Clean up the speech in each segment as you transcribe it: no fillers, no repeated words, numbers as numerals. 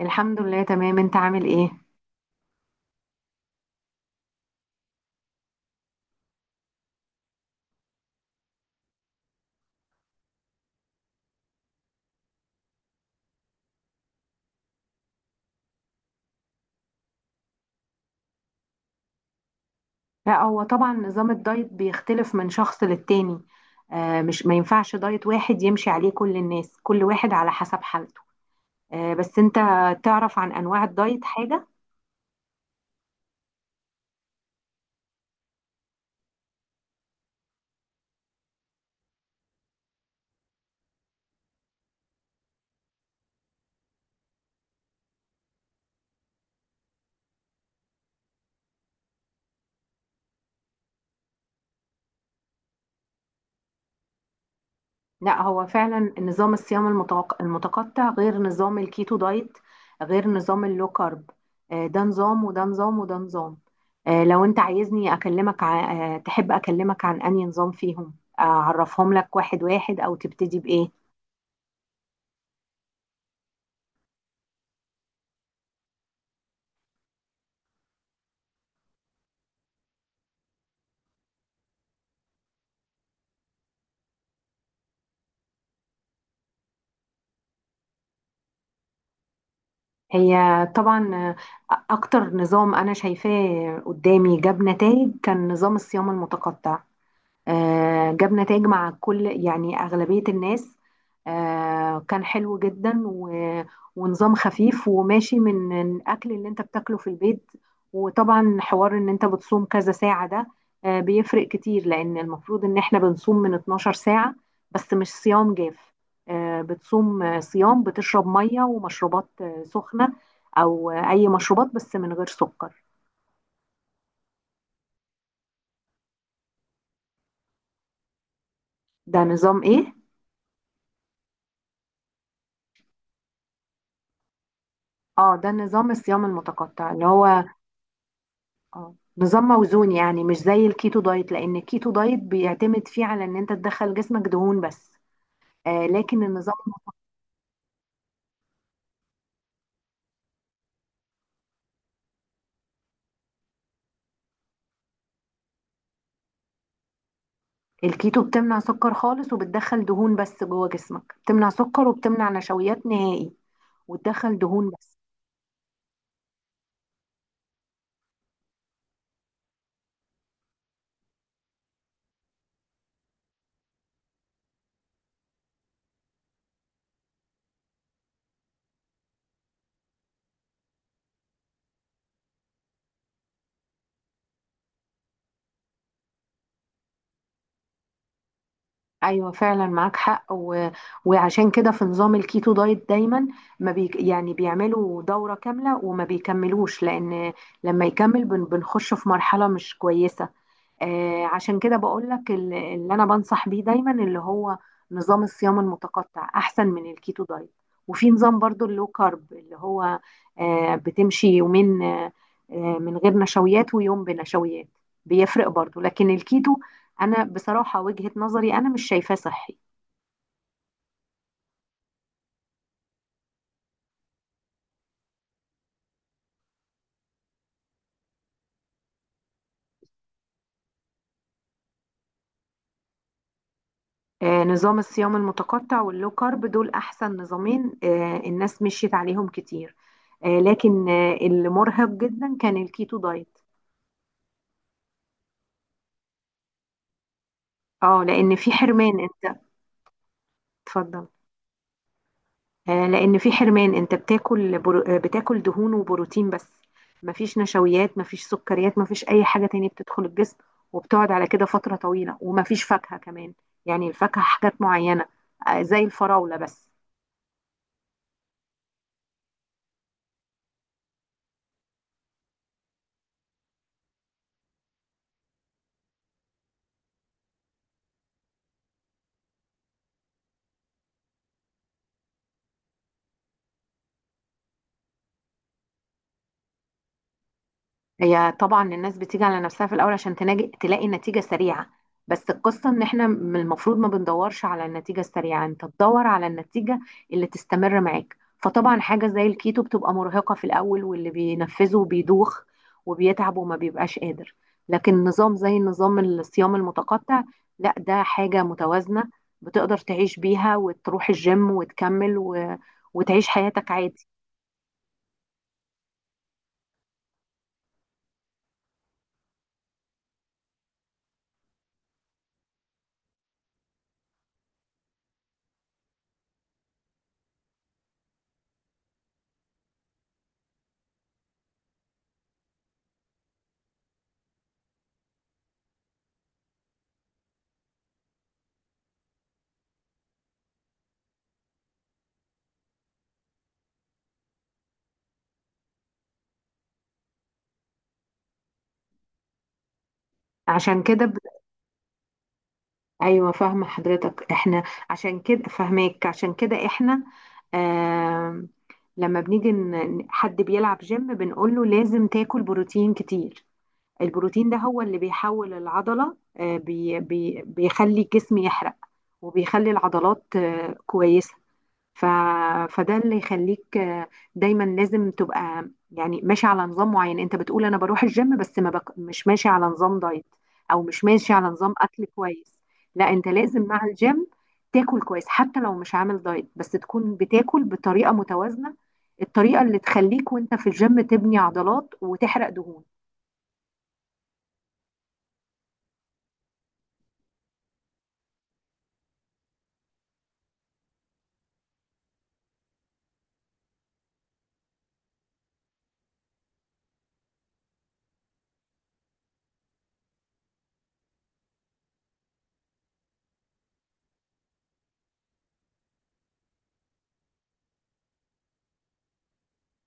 الحمد لله، تمام. انت عامل ايه؟ لا، هو طبعا نظام الدايت بيختلف من شخص للتاني. آه، مش ما ينفعش دايت واحد يمشي عليه كل الناس، كل واحد على حسب حالته. آه، بس انت تعرف عن انواع الدايت حاجة؟ لا، هو فعلا نظام الصيام المتقطع غير نظام الكيتو دايت، غير نظام اللو كارب. آه، ده نظام وده نظام وده نظام. آه، لو انت عايزني اكلمك تحب اكلمك عن انهي نظام فيهم؟ اعرفهم لك واحد واحد او تبتدي بايه؟ هي طبعا. أكتر نظام أنا شايفاه قدامي جاب نتائج كان نظام الصيام المتقطع. جاب نتائج مع، كل يعني، أغلبية الناس. كان حلو جدا ونظام خفيف وماشي من الأكل اللي أنت بتاكله في البيت. وطبعا حوار إن أنت بتصوم كذا ساعة ده، بيفرق كتير لأن المفروض إن إحنا بنصوم من 12 ساعة. بس مش صيام جاف. بتصوم صيام، بتشرب مية ومشروبات سخنة، أو أي مشروبات بس من غير سكر. ده نظام إيه؟ اه، ده نظام الصيام المتقطع اللي هو اه، نظام موزون، يعني مش زي الكيتو دايت، لان الكيتو دايت بيعتمد فيه على ان انت تدخل جسمك دهون بس. آه، لكن النظام الكيتو بتمنع سكر خالص وبتدخل دهون بس جوه جسمك، بتمنع سكر وبتمنع نشويات نهائي وتدخل دهون بس. ايوه، فعلا معاك حق، و... وعشان كده في نظام الكيتو دايت دايما ما بي... يعني بيعملوا دورة كاملة وما بيكملوش، لان لما يكمل بنخش في مرحلة مش كويسة. عشان كده بقول لك اللي انا بنصح بيه دايما اللي هو نظام الصيام المتقطع احسن من الكيتو دايت. وفي نظام برضو اللو كارب اللي هو بتمشي يومين من غير نشويات، ويوم بنشويات. بيفرق برضو، لكن الكيتو انا بصراحة وجهة نظري انا مش شايفاه صحي. نظام الصيام المتقطع واللو كارب دول احسن نظامين. الناس مشيت عليهم كتير. لكن اللي مرهق جدا كان الكيتو دايت. اه، لان في حرمان انت... اتفضل. لان في حرمان، انت بتاكل برو... آه، بتاكل دهون وبروتين بس. مفيش نشويات، مفيش سكريات، مفيش اي حاجه تانية بتدخل الجسم، وبتقعد على كده فتره طويله، ومفيش فاكهه كمان. يعني الفاكهه حاجات معينه، زي الفراوله بس. هي طبعا الناس بتيجي على نفسها في الاول عشان تناجي تلاقي نتيجه سريعه. بس القصه ان احنا من المفروض ما بندورش على النتيجه السريعه، انت تدور على النتيجه اللي تستمر معاك. فطبعا حاجه زي الكيتو بتبقى مرهقه في الاول، واللي بينفذه بيدوخ وبيتعب وما بيبقاش قادر. لكن نظام زي نظام الصيام المتقطع، لا، ده حاجه متوازنه، بتقدر تعيش بيها وتروح الجيم وتكمل، و... وتعيش حياتك عادي. عشان كده ايوه، فاهمه حضرتك. احنا عشان كده فاهماك. عشان كده احنا، آم، لما بنيجي حد بيلعب جيم بنقول له لازم تاكل بروتين كتير. البروتين ده هو اللي بيحول العضله، آه، بي بي بيخلي الجسم يحرق، وبيخلي العضلات كويسه. ف... فده اللي يخليك، دايما لازم تبقى، يعني، ماشي على نظام معين. انت بتقول انا بروح الجيم بس ما بك... مش ماشي على نظام دايت، او مش ماشي على نظام اكل كويس. لا، انت لازم مع الجيم تاكل كويس، حتى لو مش عامل دايت، بس تكون بتاكل بطريقة متوازنة، الطريقة اللي تخليك وانت في الجيم تبني عضلات وتحرق دهون.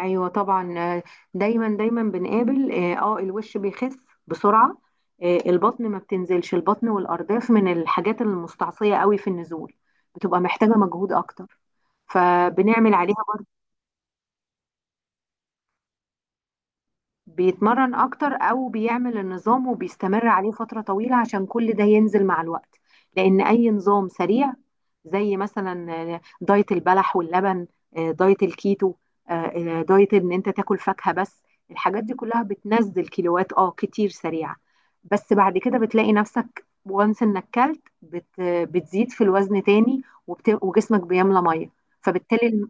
ايوه طبعا. دايما دايما بنقابل، الوش بيخس بسرعه. البطن ما بتنزلش. البطن والارداف من الحاجات المستعصيه قوي في النزول، بتبقى محتاجه مجهود اكتر، فبنعمل عليها. بيتمرن اكتر او بيعمل النظام وبيستمر عليه فترة طويلة، عشان كل ده ينزل مع الوقت. لان اي نظام سريع، زي مثلا دايت البلح واللبن، دايت الكيتو، دايت ان انت تاكل فاكهة بس، الحاجات دي كلها بتنزل كيلوات كتير سريعة. بس بعد كده بتلاقي نفسك، وانس انك كلت بتزيد في الوزن تاني، وجسمك بيملى ميه. فبالتالي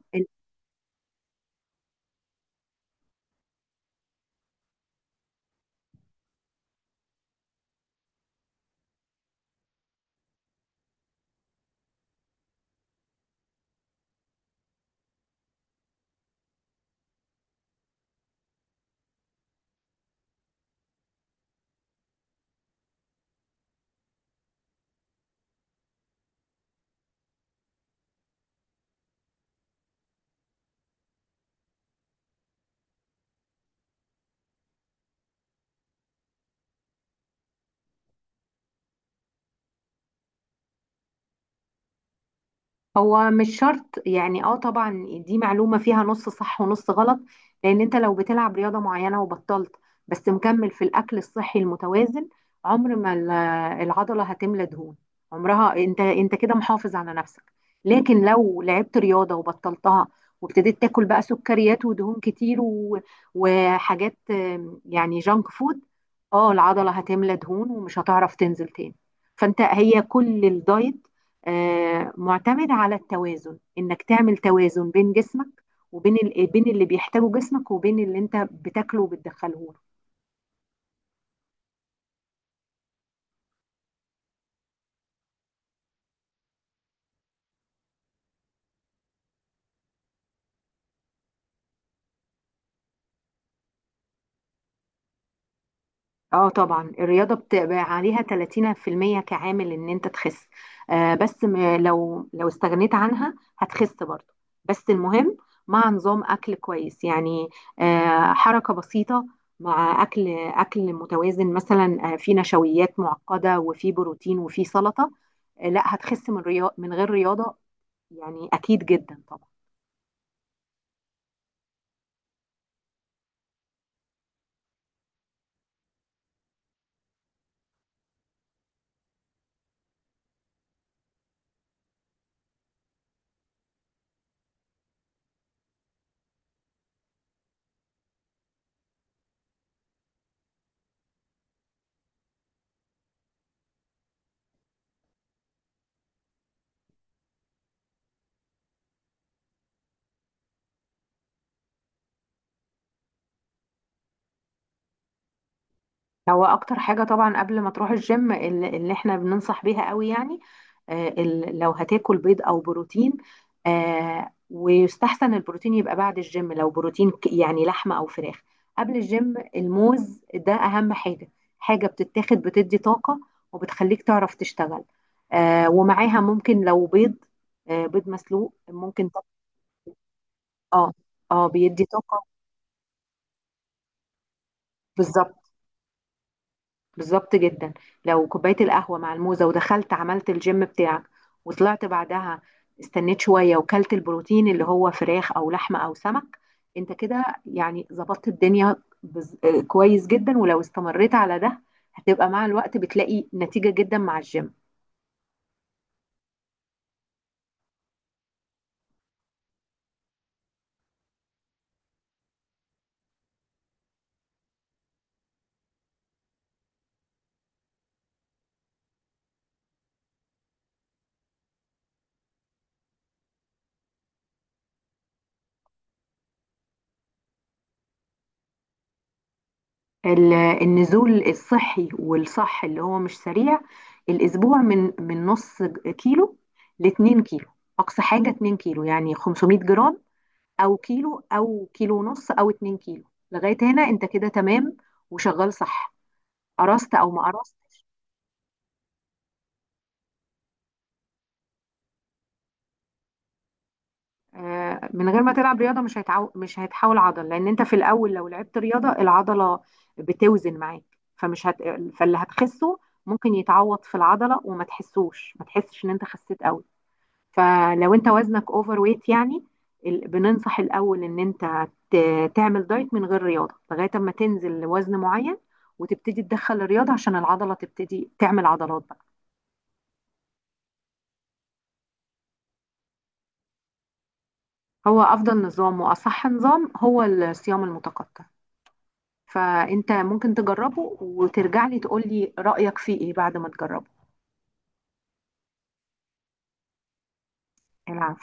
هو مش شرط، يعني، طبعا دي معلومة فيها نص صح ونص غلط. لان انت لو بتلعب رياضة معينة وبطلت، بس مكمل في الاكل الصحي المتوازن، عمر ما العضلة هتملى دهون. عمرها، انت كده محافظ على نفسك. لكن لو لعبت رياضة وبطلتها، وابتديت تاكل بقى سكريات ودهون كتير، و... وحاجات، يعني، جانك فود، اه العضلة هتملى دهون ومش هتعرف تنزل تاني. فانت، هي كل الدايت معتمد على التوازن، انك تعمل توازن بين جسمك، وبين بين اللي بيحتاجه جسمك وبين اللي انت بتاكله وبتدخله له. اه طبعا، الرياضه بتبقى عليها 30% كعامل ان انت تخس. آه بس م- لو استغنيت عنها هتخس برضه. بس المهم مع نظام اكل كويس، يعني حركه بسيطه، مع اكل متوازن، مثلا في نشويات معقده وفي بروتين وفي سلطه. لا، هتخس من من غير رياضة، يعني اكيد جدا طبعا. هو اكتر حاجه طبعا قبل ما تروح الجيم، اللي احنا بننصح بيها قوي، يعني، لو هتاكل بيض او بروتين. ويستحسن البروتين يبقى بعد الجيم، لو بروتين يعني لحمه او فراخ. قبل الجيم، الموز ده اهم حاجه، حاجه بتتاخد بتدي طاقه، وبتخليك تعرف تشتغل. ومعاها ممكن لو بيض، بيض مسلوق، ممكن اه. اه، بيدي طاقه. بالظبط. بالظبط جدا. لو كوباية القهوة مع الموزة، ودخلت عملت الجيم بتاعك، وطلعت بعدها، استنيت شوية وكلت البروتين اللي هو فراخ أو لحمة أو سمك، انت كده، يعني، ظبطت الدنيا. بز... آه، كويس جدا، ولو استمريت على ده هتبقى مع الوقت بتلاقي نتيجة جدا مع الجيم. النزول الصحي والصح اللي هو مش سريع، الأسبوع من نص كيلو لاتنين كيلو. أقصى حاجة 2 كيلو، يعني 500 جرام او كيلو او كيلو ونص او 2 كيلو. لغايه هنا انت كده تمام وشغال صح، قرصت او ما قرصتش. من غير ما تلعب رياضه، مش هيتحول عضل، لان انت في الاول لو لعبت رياضه العضله بتوزن معاك. فمش هت... فاللي هتخسه ممكن يتعوض في العضله، وما تحسوش ما تحسش ان انت خسيت قوي. فلو انت وزنك اوفر ويت، يعني، بننصح الاول ان انت تعمل دايت من غير رياضه لغايه اما تنزل لوزن معين، وتبتدي تدخل الرياضه عشان العضله تبتدي تعمل عضلات بقى. هو افضل نظام واصح نظام هو الصيام المتقطع، فانت ممكن تجربه وترجع لي تقول لي رايك فيه ايه بعد ما تجربه. العفو.